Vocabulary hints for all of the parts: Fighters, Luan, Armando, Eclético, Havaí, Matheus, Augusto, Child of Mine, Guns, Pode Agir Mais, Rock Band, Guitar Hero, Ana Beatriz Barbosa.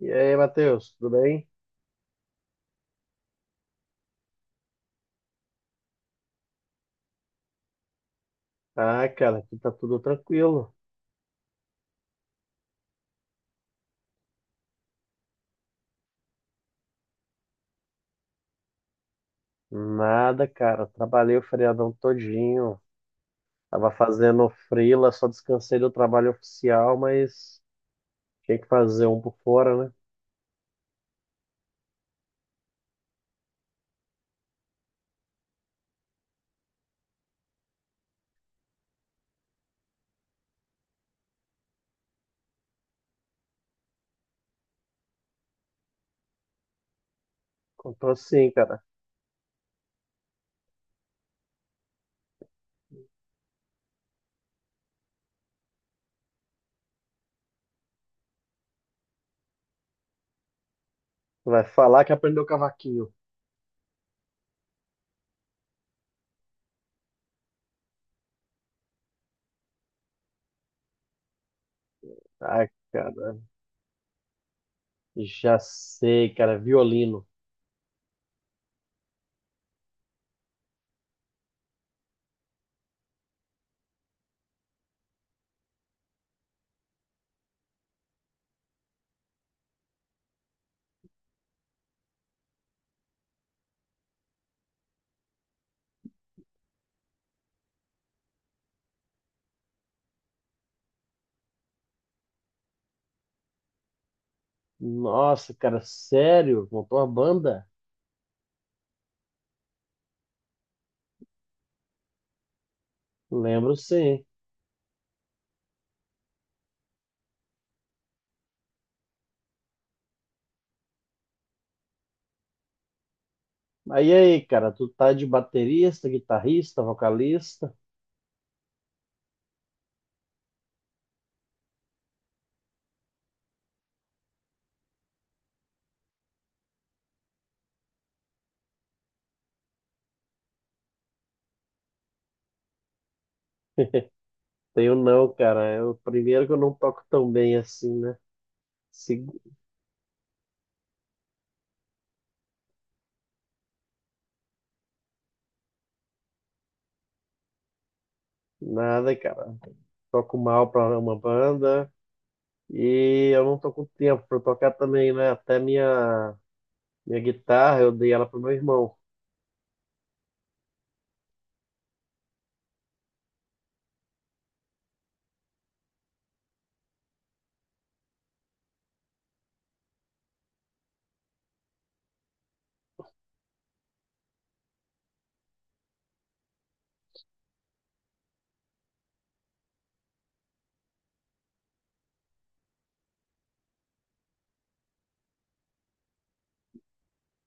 E aí, Matheus, tudo bem? Ah, cara, aqui tá tudo tranquilo. Nada, cara. Trabalhei o feriadão todinho. Tava fazendo freela, só descansei do trabalho oficial, mas tinha que fazer um por fora, né? Contou assim, cara. Vai falar que aprendeu cavaquinho. Ah, cara, já sei, cara. Violino. Nossa, cara, sério? Montou uma banda? Lembro sim. Aí, aí, cara, tu tá de baterista, guitarrista, vocalista? Tenho não, cara. Eu, primeiro que eu não toco tão bem assim, né? Se- Nada, cara. Toco mal pra uma banda e eu não tô com tempo pra tocar também, né? Até minha guitarra eu dei ela pro meu irmão.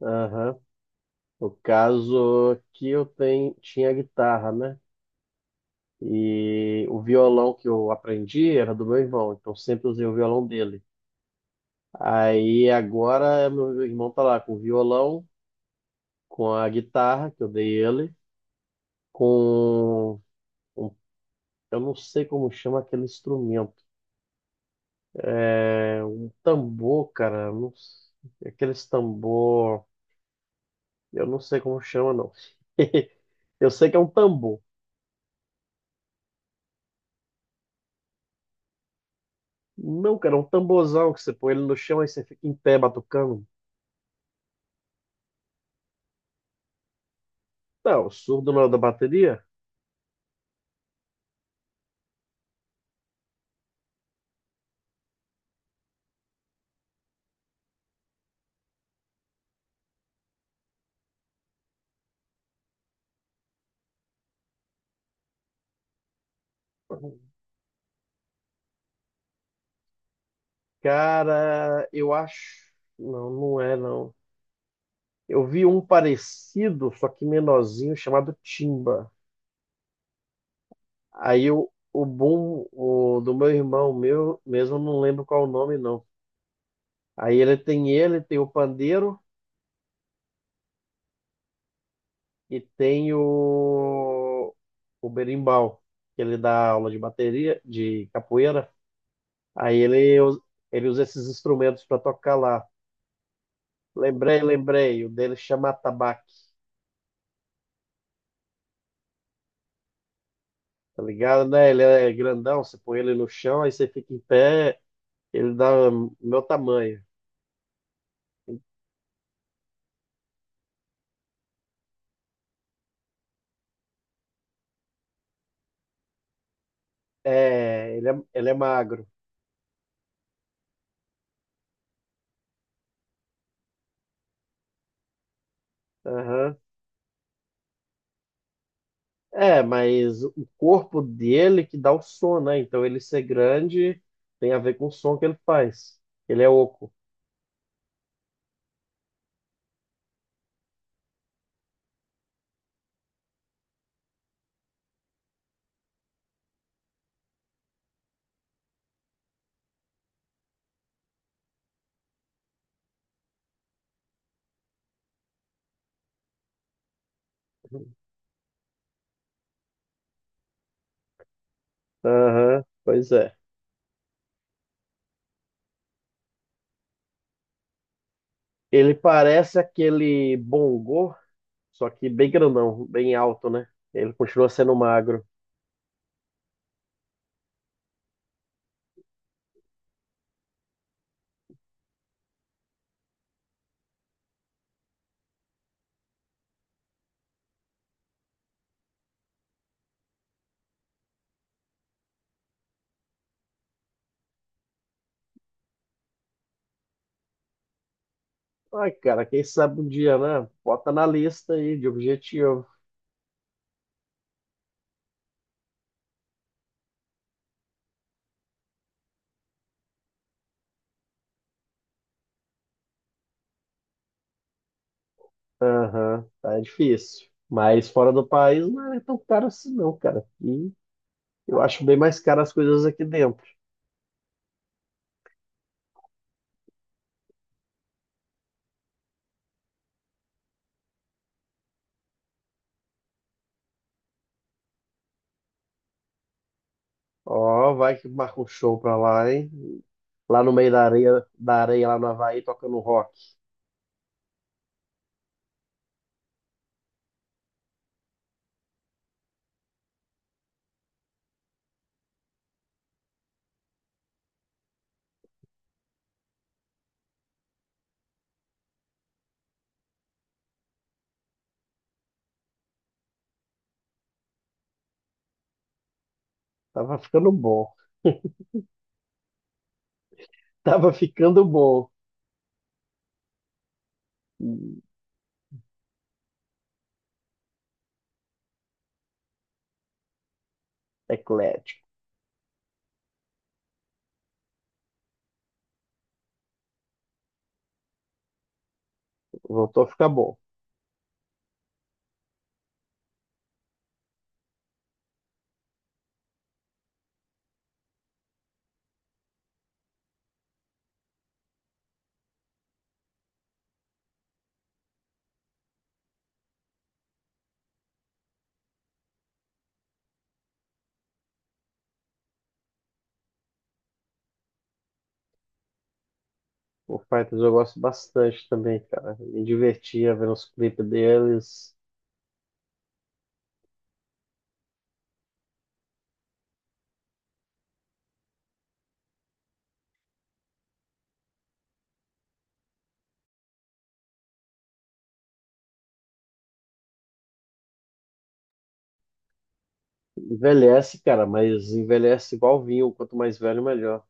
Aham. No caso aqui eu tenho, tinha a guitarra, né? E o violão que eu aprendi era do meu irmão, então sempre usei o violão dele. Aí agora meu irmão tá lá com o violão, com a guitarra que eu dei ele, com eu não sei como chama aquele instrumento. É um tambor, cara. Eu Não... s- Aqueles tambor. Eu não sei como chama, não. Eu sei que é um tambor. Não, cara, é um tamborzão que você põe ele no chão e você fica em pé batucando. Não, o surdo não é da bateria? Cara, eu acho. Não, não é, não. Eu vi um parecido, só que menorzinho, chamado timba. Aí eu, o bom o, Do meu irmão, meu mesmo, eu não lembro qual o nome, não. Aí ele tem Ele tem o pandeiro e tem o berimbau, que ele dá aula de bateria, de capoeira. Aí ele, us- Ele usa esses instrumentos para tocar lá. Lembrei, lembrei, o dele chama atabaque, tá ligado, né? Ele é grandão, você põe ele no chão, aí você fica em pé, ele dá o meu tamanho. É, ele é magro. Aham. É, mas o corpo dele que dá o som, né? Então ele ser grande tem a ver com o som que ele faz. Ele é oco. Aham, pois é. Ele parece aquele bongô, só que bem grandão, bem alto, né? Ele continua sendo magro. Ai, cara, quem sabe um dia, né? Bota na lista aí de objetivo. Aham, tá difícil. Mas fora do país não é tão caro assim, não, cara. E eu acho bem mais caro as coisas aqui dentro. Ó, vai que marca um show pra lá, hein? Lá no meio da areia lá no Havaí, tocando rock. Tava ficando bom. Tava ficando bom. Hum, Eclético. Voltou a ficar bom. O Fighters eu gosto bastante também, cara. Me divertia vendo os clipes deles. Envelhece, cara, mas envelhece igual vinho. Quanto mais velho, melhor.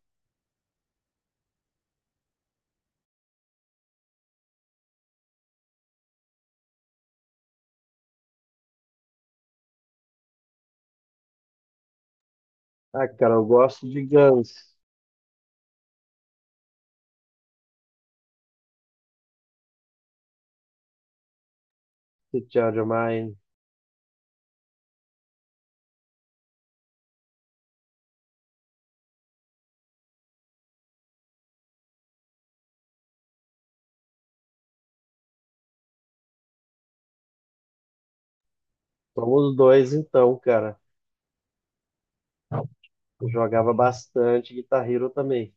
Ah, cara, eu gosto de Guns. De Child of Mine. Somos dois, então, cara. Eu jogava bastante Guitar Hero também.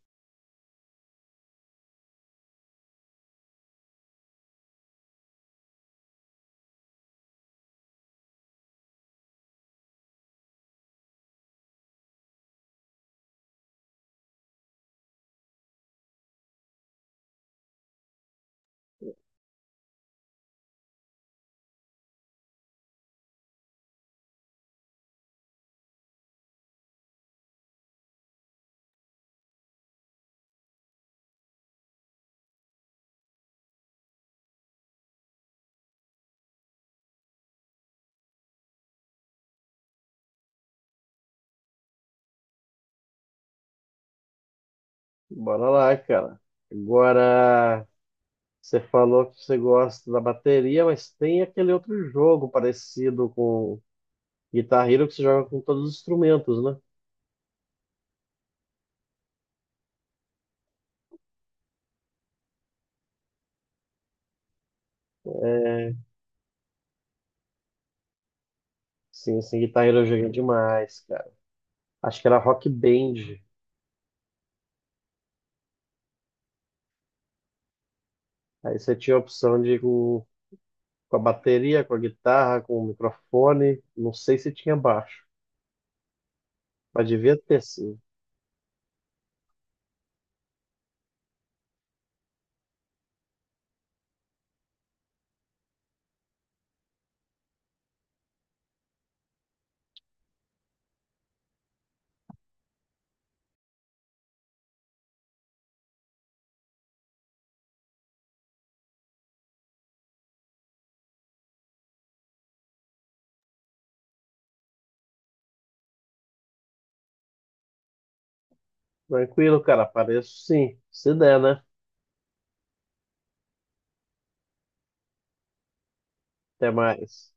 Bora lá, cara. Agora, você falou que você gosta da bateria, mas tem aquele outro jogo parecido com Guitar Hero que você joga com todos os instrumentos, né? Sim, sim, Guitar Hero eu joguei demais, cara. Acho que era Rock Band. Aí você tinha a opção de ir com a bateria, com a guitarra, com o microfone. Não sei se tinha baixo, mas devia ter sim. Tranquilo, cara. Apareço sim. Se der, né? Até mais.